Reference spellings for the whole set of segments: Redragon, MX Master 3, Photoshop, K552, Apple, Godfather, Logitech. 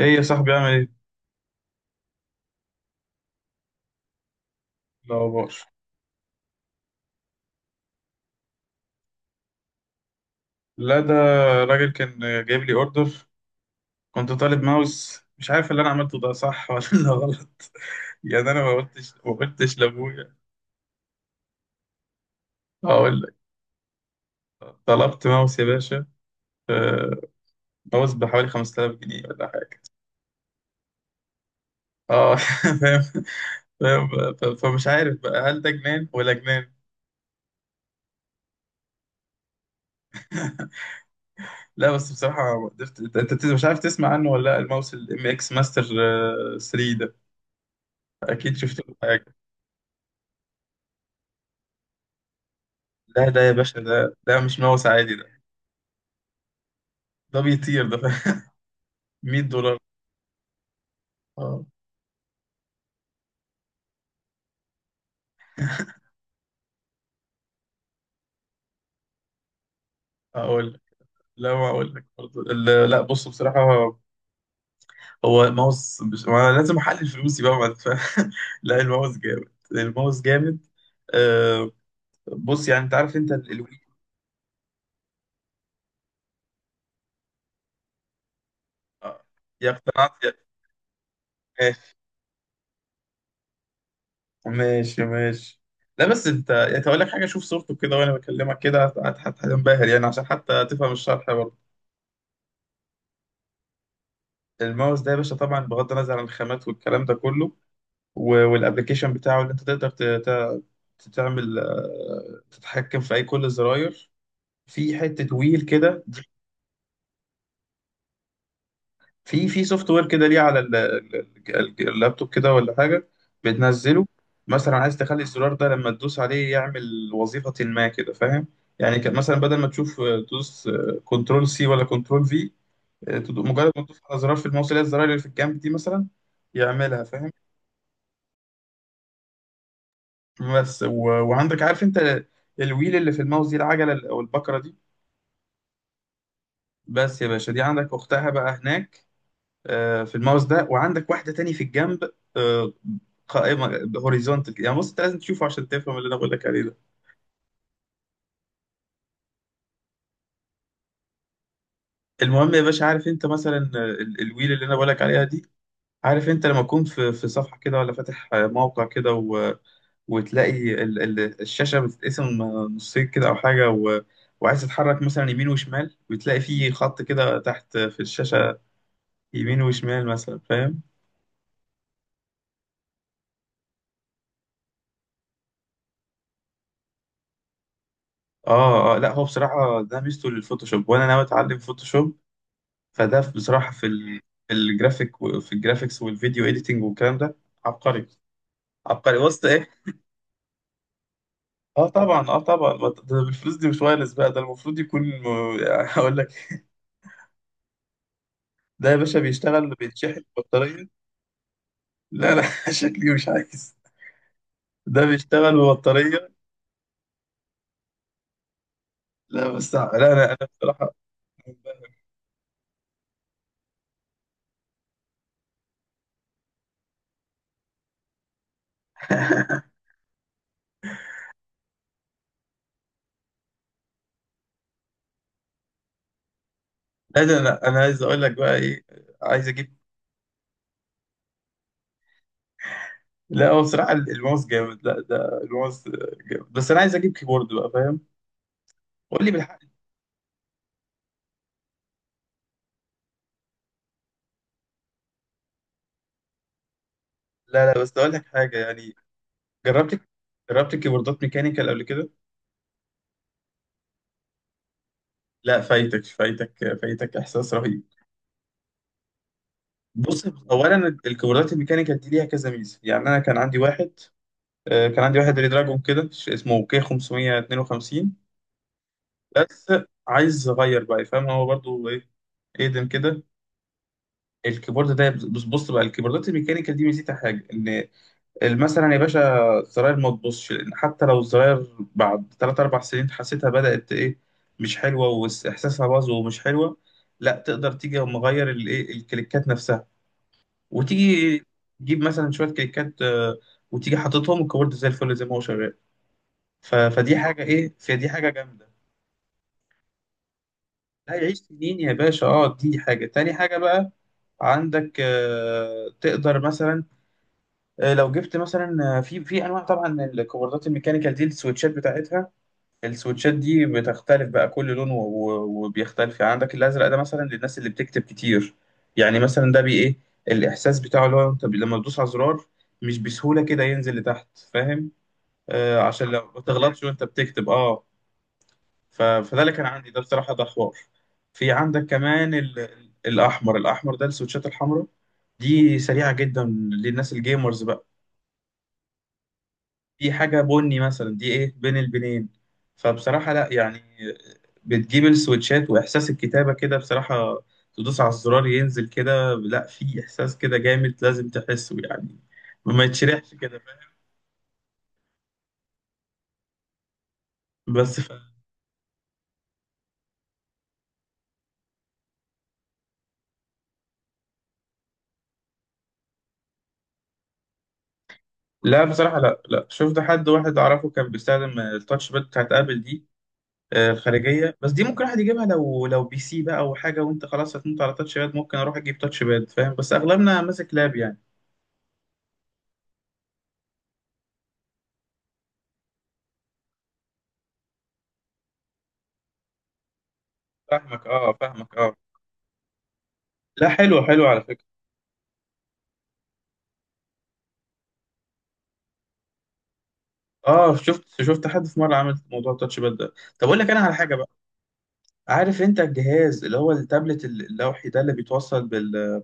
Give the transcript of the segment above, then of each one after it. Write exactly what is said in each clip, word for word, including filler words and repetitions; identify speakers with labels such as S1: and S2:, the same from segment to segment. S1: ايه يا صاحبي، عامل ايه؟ الاخبار؟ لا ده راجل كان جايب لي اوردر. كنت طالب ماوس، مش عارف اللي انا عملته ده صح ولا غلط. يعني انا ما قلتش ما قلتش لابويا. هقول لك، طلبت ماوس يا باشا. آه، ماوس بحوالي خمس تلاف جنيه ولا حاجه. اه فاهم فاهم. ف- فمش عارف بقى هل ده جنان ولا جنان. لا بس بصراحه ما قدرت. انت أنت بت- مش عارف تسمع عنه ولا لا. الماوس الام اكس ماستر تلاتة ده، اكيد شفت له حاجه. لا ده يا باشا، ده ده مش ماوس عادي، ده بيطير ده مية دولار. اه، اقول لك. لا، ما اقول لك برضه. ال- لا بص بصراحه. هو ماوس بس- ما أنا لازم احلل فلوسي بقى بعد، فاهم لا، الماوس جامد الماوس جامد. آه، بص، يعني انت عارف انت ال- الوي. آه، يا اقتنعت يا ماشي. ماشي ماشي. لا بس انت يعني اقول لك حاجه، شوف صورته كده وانا بكلمك كده، هت- هت- هتنبهر، يعني عشان حتى تفهم الشرح برضه. الماوس ده يا باشا طبعا بغض النظر عن الخامات والكلام ده كله، والابلكيشن بتاعه اللي انت تقدر ت- ت- تعمل، آه، تتحكم في اي كل الزراير، في حتة ويل كده. في في سوفت وير كده ليه على ال- ال- ال- اللابتوب كده ولا حاجة، بتنزله. مثلا عايز تخلي الزرار ده لما تدوس عليه يعمل وظيفة ما كده، فاهم؟ يعني كان مثلا بدل ما تشوف، آه، تدوس كنترول سي ولا كنترول في، مجرد ما تدوس على زرار في الماوس اللي هي الزراير اللي في الجنب دي مثلا، يعملها، فاهم؟ بس و... وعندك، عارف انت الويل اللي في الماوس دي، العجله ال- او البكره دي، بس يا باشا دي عندك اختها بقى هناك، آه، في الماوس ده، وعندك واحده تاني في الجنب، آه، قائمه هوريزونتال. يعني بص، انت لازم تشوفه عشان تفهم اللي انا بقول لك عليه ده. المهم يا باشا، عارف انت مثلا آه، ال- الويل اللي انا بقول لك عليها دي، عارف انت لما تكون في في صفحه كده، ولا فاتح آه، موقع كده، وتلاقي ال- ال- الشاشة بتتقسم نصين كده أو حاجة، و... وعايز تتحرك مثلا يمين وشمال، وتلاقي فيه خط كده تحت في الشاشة، يمين وشمال مثلا، فاهم؟ آه آه. لا هو بصراحة ده ميزته للفوتوشوب، وأنا ناوي أتعلم فوتوشوب، فده بصراحة في ال... في الجرافيك، و... في الجرافيكس والفيديو إيديتنج والكلام ده، عبقري. عبقري وسط إيه؟ اه طبعا، اه طبعا، ما ده بالفلوس دي مش وايرلس بقى، ده المفروض يكون هقول لك، ده يا باشا بيشتغل، بيتشحن بطارية. لا لا شكلي مش عايز. ده بيشتغل ببطارية. لا بس لا، أنا أنا بصراحة. لا ده أنا أنا عايز أقول لك بقى إيه، عايز أجيب. لا هو بصراحة الماوس جامد، لا ده الماوس جامد، بس أنا عايز أجيب كيبورد بقى، فاهم؟ قول لي بالحق. لا لا، بس أقول لك حاجة يعني. جربت جربت كيبوردات ميكانيكال قبل كده. لا فايتك فايتك فايتك، إحساس رهيب. بص، أولا الكيبوردات الميكانيكال دي ليها كذا ميزة. يعني أنا كان عندي واحد، آه، كان عندي واحد ريدراجون كده، ش- اسمه كي خمسمية اتنين وخمسين. بس عايز اغير بقى، فاهم؟ هو برضو ايه، اقدم كده. الكيبورد ده، بص بص بقى. الكيبوردات الميكانيكال دي ميزتها حاجه ان مثلا يا باشا، الزراير ما تبصش. لان حتى لو الزراير بعد تلات اربع سنين حسيتها بدات ايه، مش حلوه واحساسها باظ ومش حلوه، لا تقدر تيجي مغير الايه، الكليكات نفسها. وتيجي تجيب مثلا شويه كليكات، آه، وتيجي حاططهم الكيبورد زي الفل، زي ما هو شغال. ف- فدي حاجه ايه، فدي حاجه جامده. لا يعيش سنين يا باشا. اه، دي حاجة. تاني حاجة بقى، عندك آه، تقدر مثلا، آه، لو جبت مثلا، آه، في في انواع. طبعا الكوردات الميكانيكال دي، السويتشات بتاعتها، السويتشات دي بتختلف بقى كل لون، و- و- وبيختلف. يعني عندك الازرق ده مثلا للناس اللي بتكتب كتير، يعني مثلا ده بي ايه الاحساس بتاعه، اللي هو انت لما تدوس على زرار مش بسهولة كده ينزل لتحت، فاهم؟ آه، عشان لو ما تغلطش وانت بتكتب، اه. ف- فده اللي كان عندي ده بصراحة، ده حوار. في عندك كمان ال... ال- الأحمر الأحمر ده السويتشات الحمراء دي، سريعة جدا، للناس الجيمرز بقى. دي حاجة بني مثلا دي، إيه، بين البنين. فبصراحة لا يعني، بتجيب السويتشات وإحساس الكتابة كده، بصراحة تدوس على الزرار ينزل كده، لا في إحساس كده جامد، لازم تحسه يعني، ما يتشرحش كده، فاهم؟ بس ف... لا بصراحة. لا لا، شفت حد واحد أعرفه كان بيستخدم التاتش باد بتاعت آبل دي، آه، خارجيه. بس دي ممكن واحد يجيبها لو لو بي سي بقى او حاجه، وانت خلاص هتموت على تاتش باد، ممكن اروح اجيب تاتش باد، فاهم؟ بس اغلبنا ماسك لاب يعني. فاهمك اه فاهمك اه. لا حلو حلو على فكره. اه شفت شفت حد في مره عمل موضوع التاتش باد ده. طب اقول لك انا على حاجه بقى. عارف انت الجهاز اللي هو التابلت اللوحي ده اللي بيتوصل بال،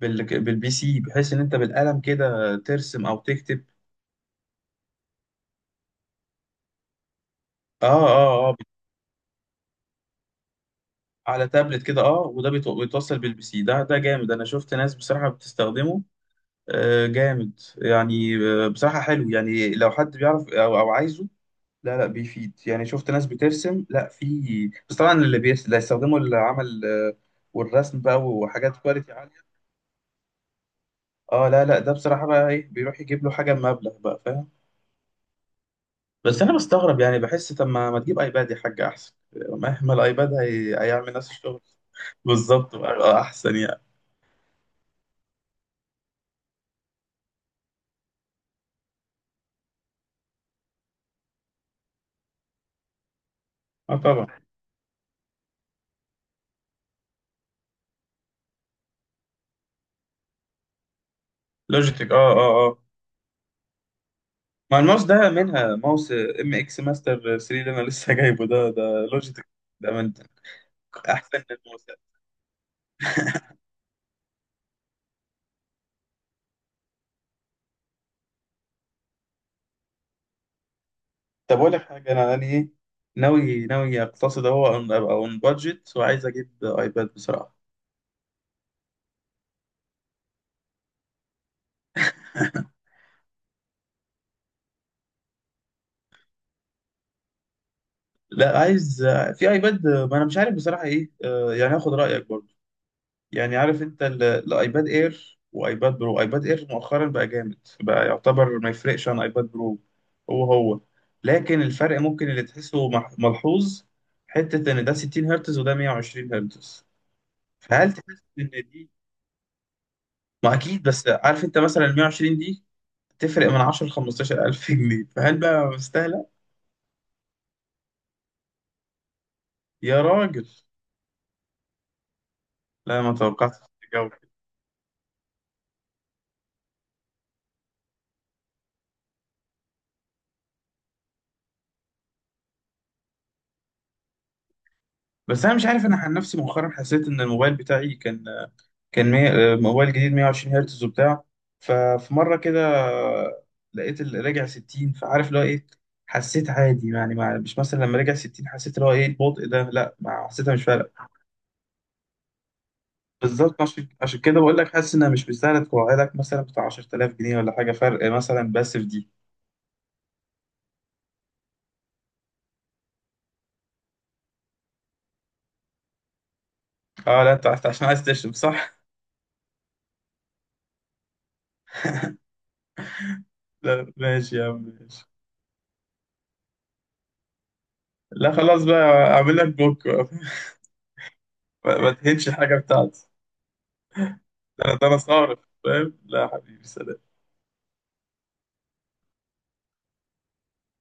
S1: بال بالبي سي، بحيث ان انت بالقلم كده ترسم او تكتب. اه اه اه. على تابلت كده، اه، وده بيتو- بيتوصل بالبي سي. ده ده جامد، انا شفت ناس بصراحه بتستخدمه، آه، جامد يعني، آه، بصراحة حلو يعني لو حد بيعرف أو أو عايزه. لا لا، بيفيد يعني، شفت ناس بترسم. لا في بس طبعا اللي بيس... اللي هيستخدموا العمل، آه، والرسم بقى وحاجات كواليتي عالية. اه. لا لا، ده بصراحة بقى ايه، بيروح يجيب له حاجة بمبلغ بقى، فاهم؟ بس أنا بستغرب يعني، بحس طب ما ما تجيب أيباد يا حاج أحسن. مهما الأيباد هي... هيعمل نفس الشغل. بالظبط بقى، آه، أحسن يعني. اه طبعا. لوجيتك، اه اه اه. ما الماوس ده منها، ماوس ام اكس ماستر ثري اللي انا لسه جايبه ده، ده لوجيتك. ده من احسن الماوس. طب اقول لك حاجه، انا يعني ايه، ناوي ناوي اقتصد اهو، أن- ابقى اون بادجت، وعايز اجيب ايباد بصراحه. لا عايز، في ايباد ما انا مش عارف بصراحه ايه، آه، يعني اخد رايك برضه. يعني عارف انت ال- الايباد اير وايباد برو. ايباد اير مؤخرا بقى جامد بقى، يعتبر ما يفرقش عن ايباد برو. هو هو. لكن الفرق ممكن اللي تحسه مح- ملحوظ، حتة ان ده 60 هرتز وده 120 هرتز، فهل تحس ان دي، ما اكيد. بس عارف انت مثلا ال مية وعشرين دي تفرق من عشرة ل خمسة عشر الف جنيه، فهل بقى مستاهلة؟ يا راجل، لا ما توقعتش الجو كده. بس انا مش عارف، انا عن نفسي مؤخرا حسيت ان الموبايل بتاعي كان كان مي... موبايل جديد مية وعشرين هرتز وبتاع. ففي مره كده لقيت اللي راجع ستين، فعارف اللي هو ايه، حسيت عادي يعني. مع... مش مثلا لما رجع ستين حسيت اللي هو ايه البطء ده، لا ما حسيتها، مش فارقه. بالظبط، عشان عشان كده بقول لك حاسس انها مش مستاهله توعدك مثلا بتاع عشر تلاف جنيه ولا حاجه، فرق مثلا بس في دي. اه، لا انت عشان عشان عايز تشرب، صح؟ لا ماشي يا عم، ماشي. لا خلاص بقى، اعمل لك بوك بقى. ما ما تهنش حاجه بتاعتي. ده انا ده أنا صارف، فاهم. لا يا حبيبي، سلام.